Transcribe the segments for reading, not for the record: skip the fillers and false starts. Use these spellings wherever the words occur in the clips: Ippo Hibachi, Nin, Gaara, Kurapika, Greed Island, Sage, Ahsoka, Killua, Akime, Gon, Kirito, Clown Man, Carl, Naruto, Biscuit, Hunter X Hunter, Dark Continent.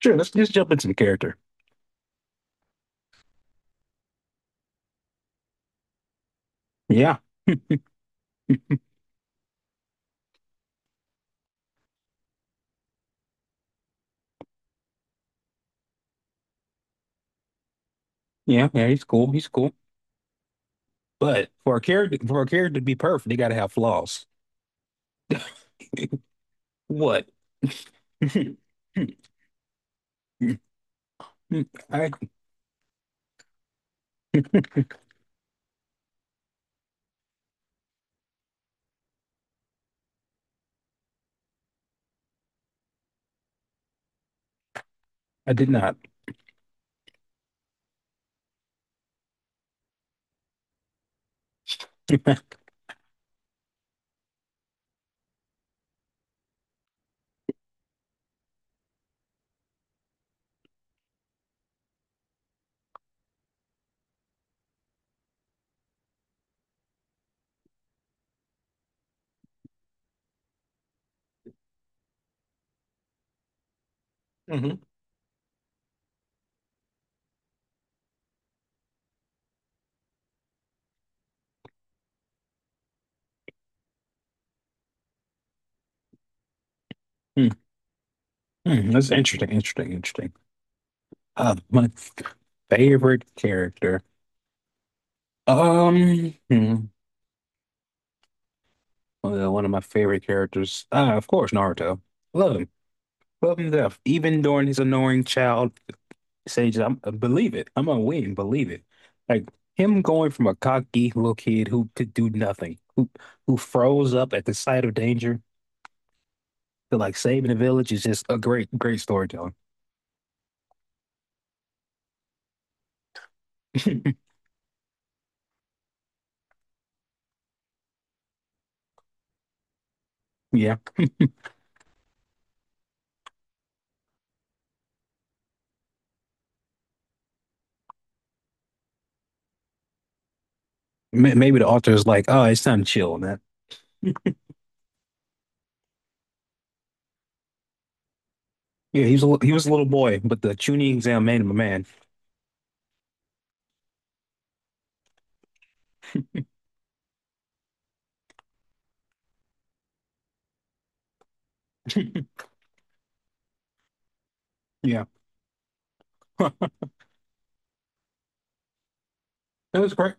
Sure, let's just jump into the character. Yeah, yeah, yeah. He's cool. He's cool. But for a character to be perfect, they gotta have flaws. What? I I did not. Mhm. Mm, That's interesting. Interesting. Interesting. My favorite character. Um, hmm, well, one of my favorite characters. Of course, Naruto. Love him. Love him to death. Even during his annoying child Sage, I'm believe it. I'm gonna win. Believe it. Like him going from a cocky little kid who could do nothing, who froze up at the sight of danger to like saving the village is just a great, great storytelling. Yeah. Maybe the author is like, oh, it's time to chill on that. Yeah, he was a little boy, but the tuning exam made him a man. Yeah. Huh. It was cra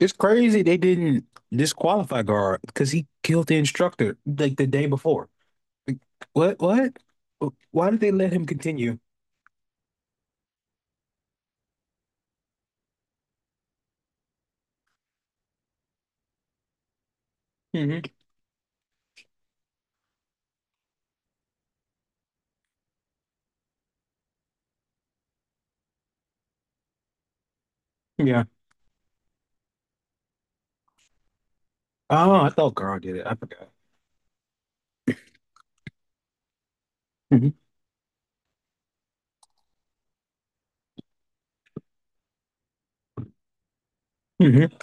It's crazy they didn't disqualify Gar because he killed the instructor like the day before. Like, what? What? Why did they let him continue? hmm Yeah. Oh, I thought Carl did it. I forgot. hmm hmm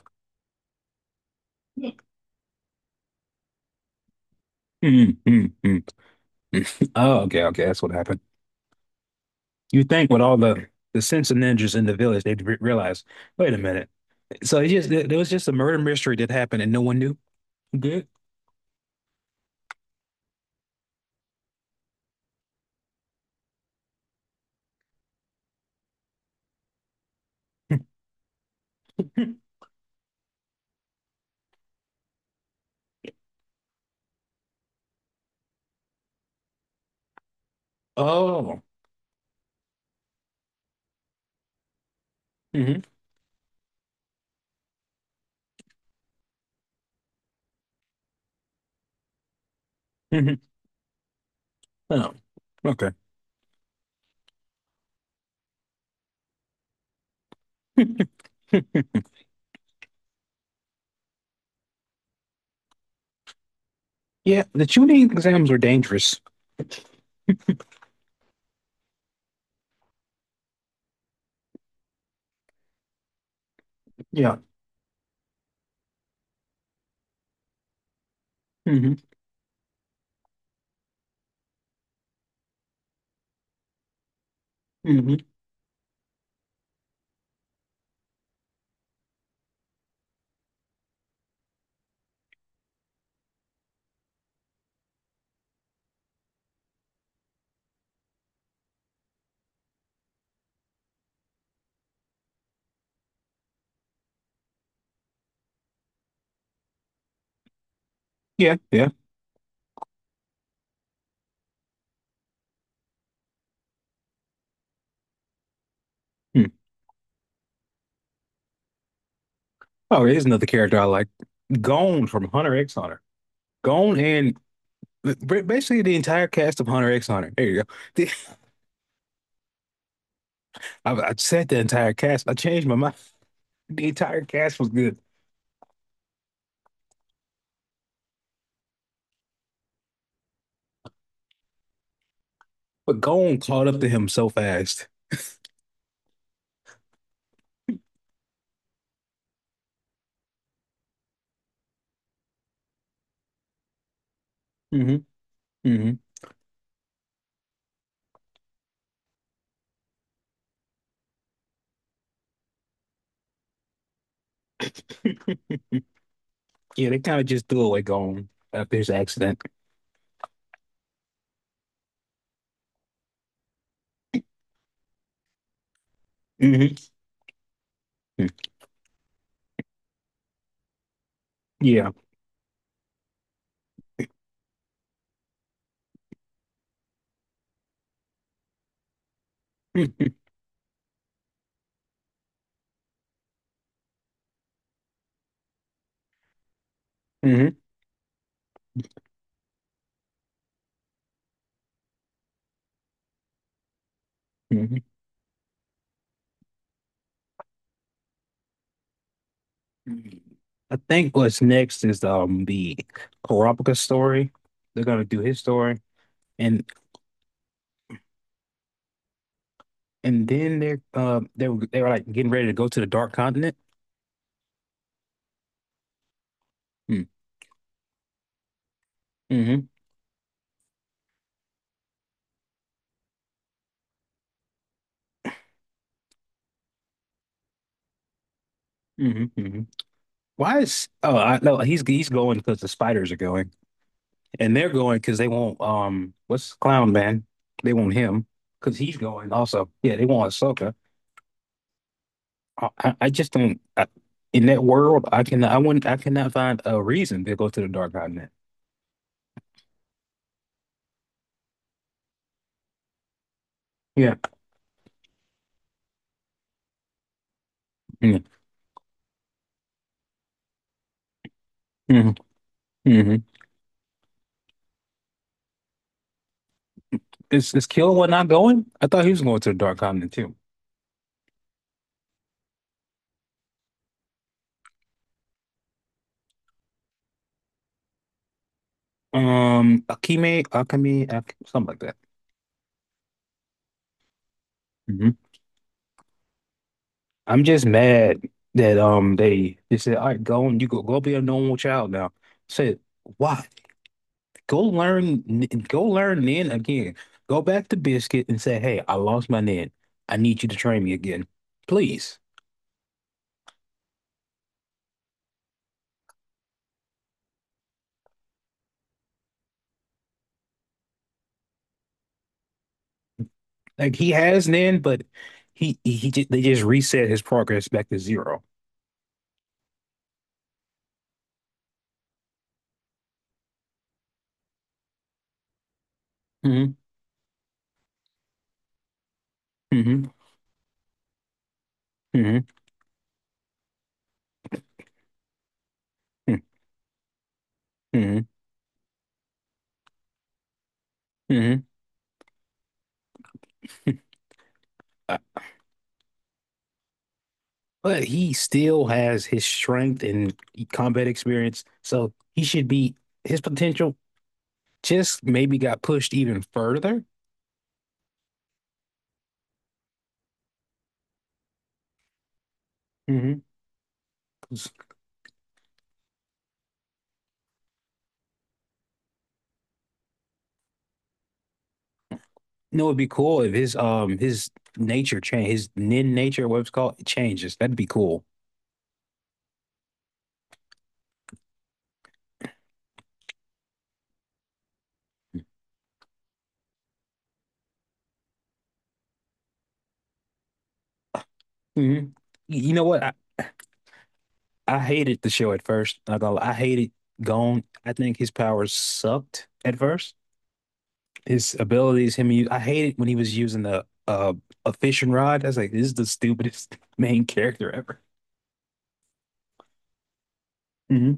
hmm hmm Oh, okay, okay. That's what happened. You think with all the sense of ninjas in the village, they'd re realize, wait a minute. So it just there was just a murder mystery that happened and no one knew. Good. Oh. hmm hmm Oh. Okay. Yeah, the tuning exams were dangerous. Yeah. hmm hmm Yeah. Yeah. Hmm. Oh, here's another character I like. Gone from Hunter X Hunter. Gone and Basically, the entire cast of Hunter X Hunter. There you go. I said the entire cast. I changed my mind. The entire cast was good, but Gon caught up to him so fast. hmm hmm Yeah, they kind of just threw away Gon after his accident. hmm Yeah. hmm hmm I think what's next is the Kurapika story. They're gonna do his story, and and then they were like getting ready to go to the Dark Continent. Mm-hmm. hmm hmm hmm Why is oh I no He's going because the spiders are going, and they're going because they want, what's Clown Man, they want him because he's going also, yeah, they want Ahsoka. I just don't. In that world, I cannot find a reason to go to the Dark Continent. Yeah. Mm-hmm. hmm is Killua not going? I thought he was going to the Dark Continent too. Akime, Akame, Ak something like that. Mm-hmm. I'm just mad that they said, all right, go, and you go be a normal child now. Said, why? Go learn n- Go learn Nin again. Go back to Biscuit and say, hey, I lost my Nin. I need you to train me again. Please. Like he has Nin, but they just reset his progress back to zero. hmm hmm hmm hmm hmm Uh, But he still has his strength and combat experience, so he should be his potential just maybe got pushed even further. Mhm. You know, it'd be cool if his nature change his nin nature, what it's called, it changes. That'd be cool. Mhm. You know what? I hated the show at first. Not I hated Gon. I think his powers sucked at first. His abilities, him, I hated when he was using the a fishing rod. I was like, this is the stupidest main character ever. Mhm.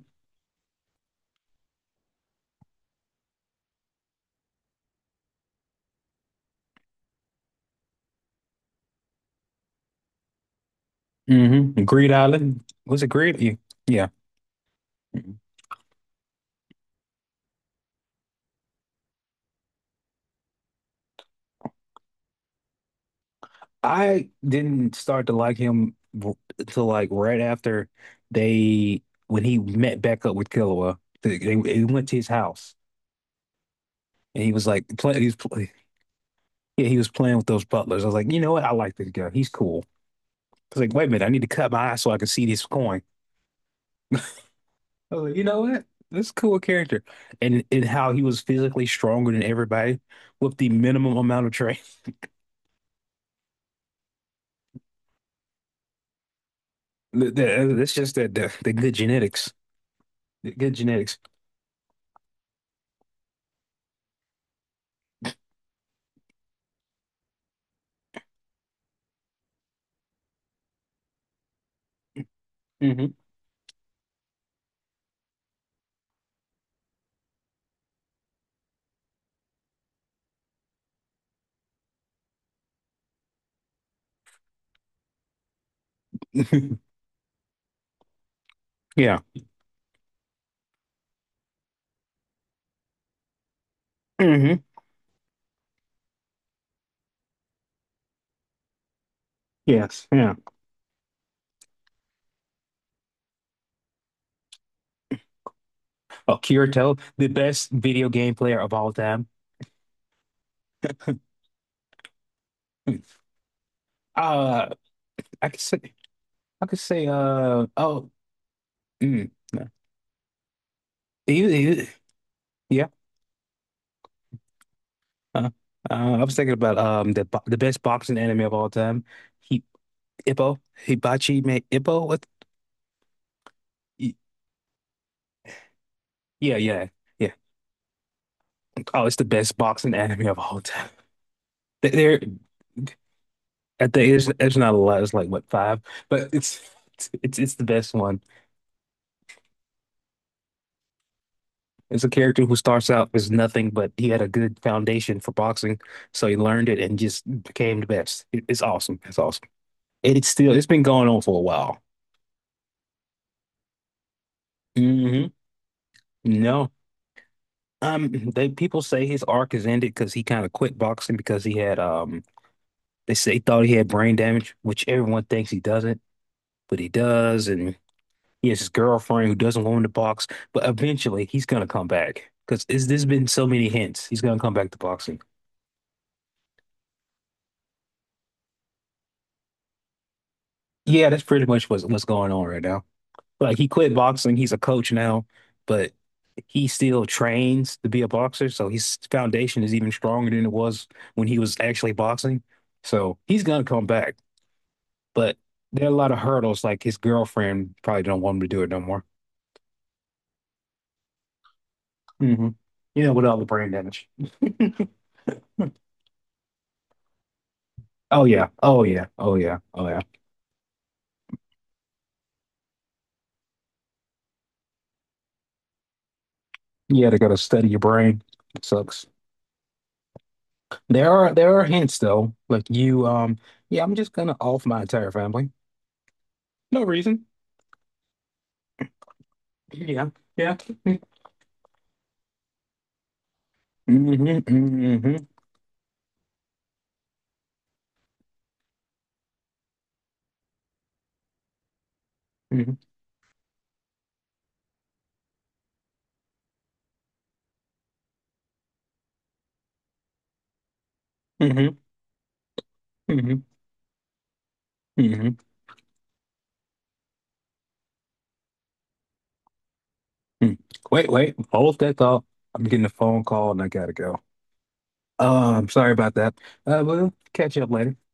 Mm-hmm. Greed Island. Was it Greed? Yeah. Yeah. I didn't start to like him till like right after they when he met back up with Killua. They went to his house and he was like play, he was play, yeah, he was playing with those butlers. I was like, you know what? I like this guy. He's cool. I was like, wait a minute, I need to cut my eyes so I can see this coin. I was like, you know what? This is a cool character, and how he was physically stronger than everybody with the minimum amount of training. That's just that the good genetics. hmm Yeah. Mhm. Yes, yeah. Oh, Kirito, the best video game player of all time. Hmm. Uh, I could say, I could say, oh, no. You- you- yeah. Uh, I was thinking about the the best boxing anime of all time. He Ippo. Hibachi made Ippo. What? y- Yeah, yeah, yeah. Oh, it's the best boxing anime of all time. There, there- I think it's not a lot. It's like what, five, but it's the best one. It's a character who starts out as nothing, but he had a good foundation for boxing, so he learned it and just became the best. It's awesome. It's awesome. And it's been going on for a while. hmm No. They people say his arc is ended because he kind of quit boxing because he had they say he thought he had brain damage, which everyone thinks he doesn't, but he does, and he has his girlfriend who doesn't want him to box, but eventually he's gonna come back because there's been so many hints he's gonna come back to boxing. Yeah, that's pretty much what's going on right now. Like he quit boxing. He's a coach now, but he still trains to be a boxer. So his foundation is even stronger than it was when he was actually boxing. So he's gonna come back, but there are a lot of hurdles. Like his girlfriend probably don't want him to do it no more. hmm You know, with all the brain damage. Oh yeah. Oh yeah. Oh yeah. Oh yeah. You had to go to study your brain. It sucks. There are hints though. Like, you yeah, I'm just gonna off my entire family. No reason. Yeah, yeah. Mm-hmm. Hmm hmm hmm Wait, wait, hold that thought. I'm getting a phone call and I gotta go. I'm sorry about that. We'll catch you up later.